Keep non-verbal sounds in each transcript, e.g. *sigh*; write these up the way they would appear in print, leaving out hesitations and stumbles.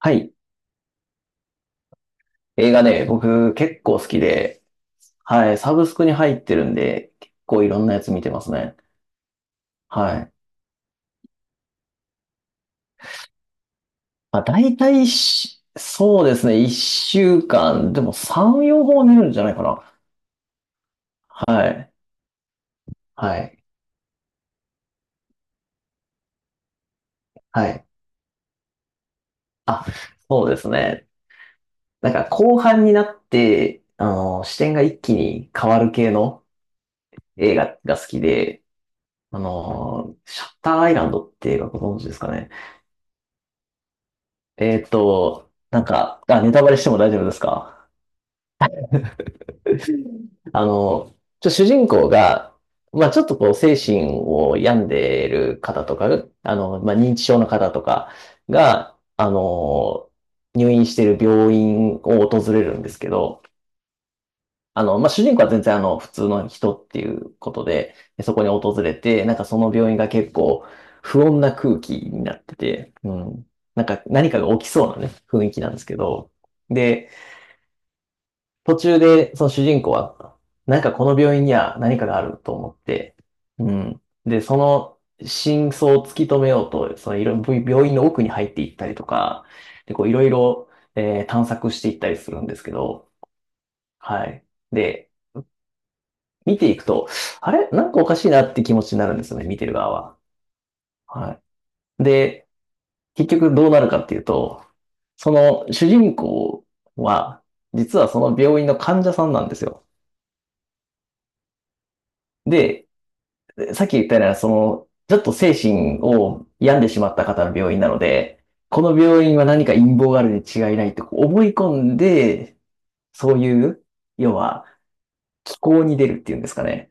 はい。映画ね、僕結構好きで、はい。サブスクに入ってるんで、結構いろんなやつ見てますね。はい。まあ、大体し、そうですね。一週間、でも3、4本は寝るんじゃないかな。はい。はい。はい。あ、そうですね。なんか後半になって、視点が一気に変わる系の映画が好きで、シャッターアイランドって映画ご存知ですかね？なんか、あ、ネタバレしても大丈夫ですか？あの、主人公が、まあちょっとこう精神を病んでいる方とか、まあ認知症の方とかが、入院している病院を訪れるんですけど、まあ主人公は全然普通の人っていうことで、そこに訪れて、なんかその病院が結構不穏な空気になってて、うん。なんか何かが起きそうなね、雰囲気なんですけど、で、途中で、その主人公は、なんかこの病院には何かがあると思って、うん。で、その真相を突き止めようと、そのいろ、病院の奥に入っていったりとか、で、こういろいろ、探索していったりするんですけど、はい。で、見ていくと、あれなんかおかしいなって気持ちになるんですよね、見てる側は。はい。で、結局どうなるかっていうと、その主人公は、実はその病院の患者さんなんですよ。で、さっき言ったような、その、ちょっと精神を病んでしまった方の病院なので、この病院は何か陰謀があるに違いないと思い込んで、そういう、要は、気候に出るっていうんですかね。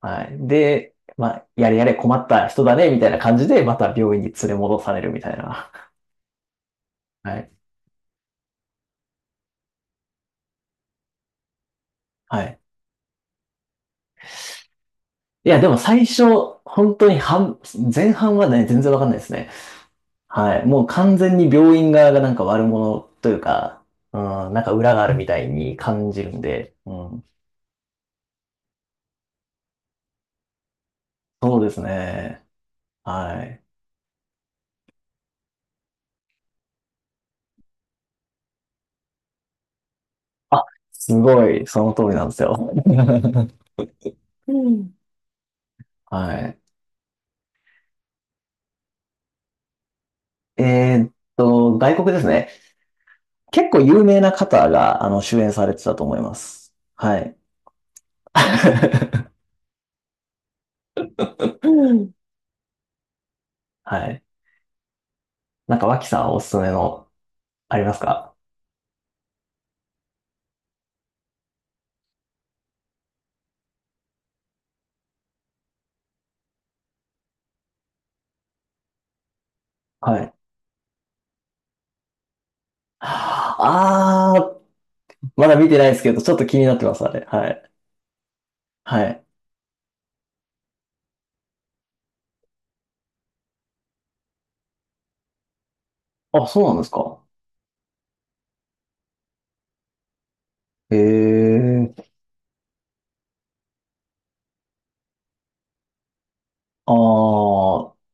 はい。で、まあ、やれやれ困った人だね、みたいな感じで、また病院に連れ戻されるみたいな。はい。はい。いや、でも最初、本当に前半はね、全然わかんないですね。はい。もう完全に病院側がなんか悪者というか、うん、なんか裏があるみたいに感じるんで、うん。そうですね。はい。あ、すごい、その通りなんですよ。*laughs* はい。外国ですね。結構有名な方が、主演されてたと思います。はい。*laughs* はい。なんか、脇さんおすすめの、ありますか？はい。あー、まだ見てないですけど、ちょっと気になってます、あれ。はい。はい。あ、そうなんですか？ええ、ああ、はい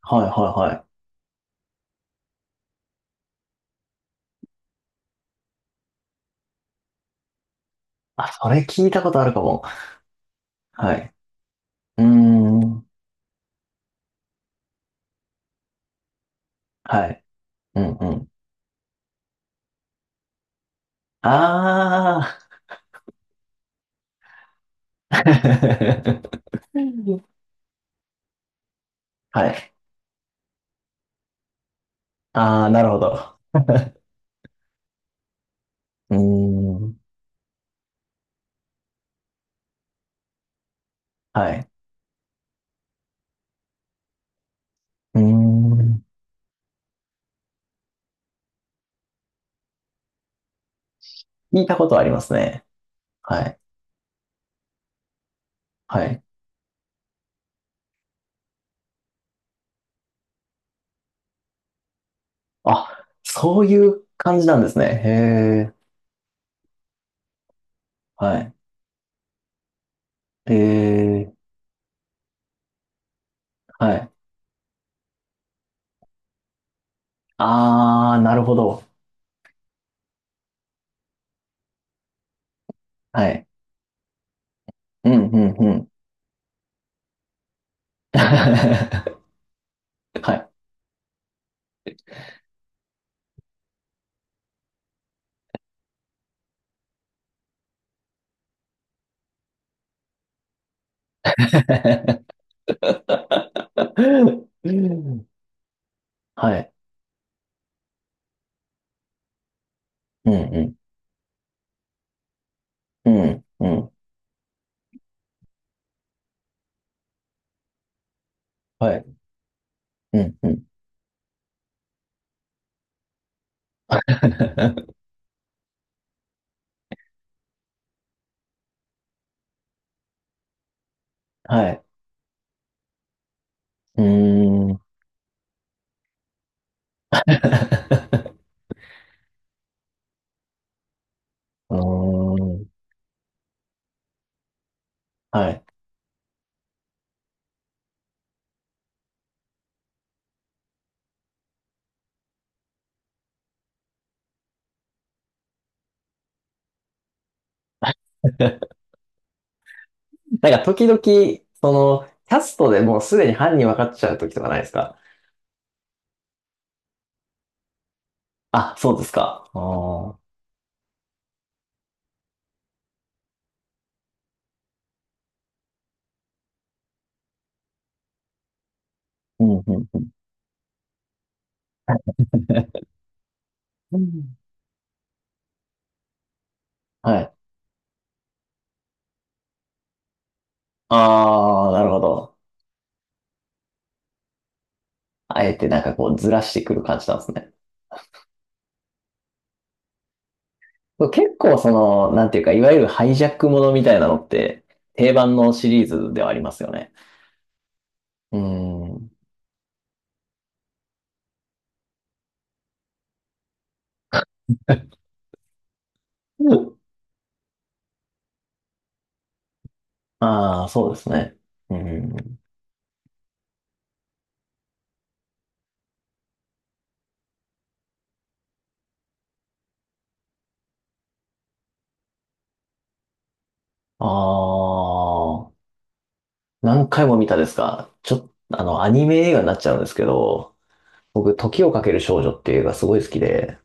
はいはい。あ、それ聞いたことあるかも。はい。うーん。はい。うんうん。ああ。*laughs* うん、はい。ああ、なるほど。うーん。はい。うーん。聞いたことありますね。はい。はい。あ、そういう感じなんですね。へえ。はい。ええ。はい。ああ、なるほど。はい。うんうんうん。*laughs* はい。*laughs* はい。うん、うん、うん、うん。はい。うん、うん。*laughs* はい。うーん。*laughs* うーん。はい。*laughs* なんか時々、その、キャストでもうすでに犯人分かっちゃう時とかないですか？あ、そうですか？ああ。うん、うん、うん。*laughs* はい。ああ、なるほど。あえてなんかこうずらしてくる感じなんですね。そう結構その、なんていうか、いわゆるハイジャックものみたいなのって、定番のシリーズではありますよね。うーん。うん、ああ、そうですね。うん。ああ、何回も見たですか？ちょっと、アニメ映画になっちゃうんですけど、僕、時をかける少女っていう映画すごい好きで、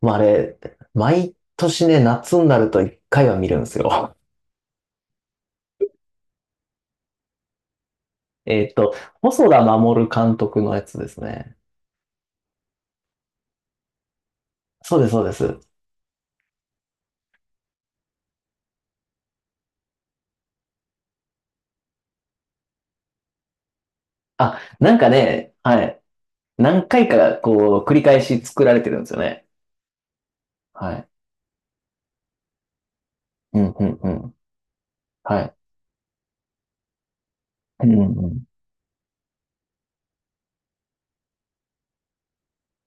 まあ、あれ、毎年ね、夏になると一回は見るんですよ。*laughs* えっと、細田守監督のやつですね。そうです、そうです。あ、なんかね、はい。何回かこう、繰り返し作られてるんですよね。はい。うん、うん、うん。はい。うん、うん。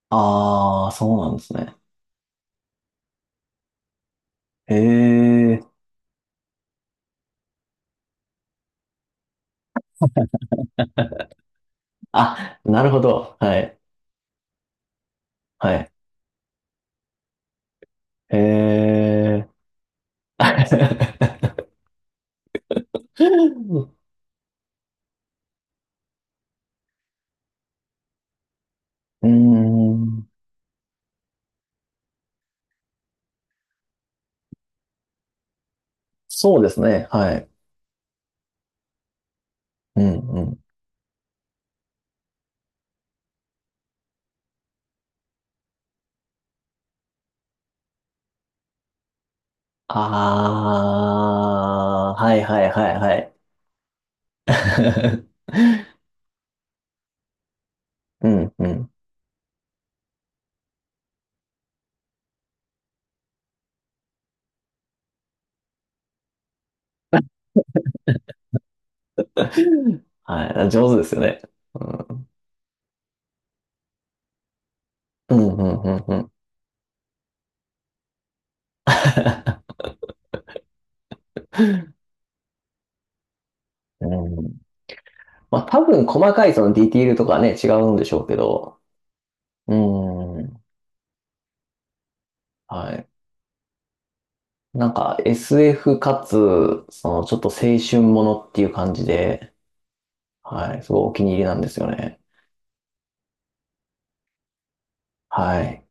ああ、そうなんですね。へえ。あ、なるほど。はい。はい。へえ。*laughs* うーん。そうですね。はい。うん、うん。ああ、はいはいはいはい。*laughs* うん、うん。はい。上手ですよね。うん、うん、うん、うん。うん *laughs* まあ多分細かいそのディティールとかね、違うんでしょうけど、うーん、はい。なんか SF かつ、そのちょっと青春ものっていう感じで、はい、すごいお気に入りなんですよね。はい。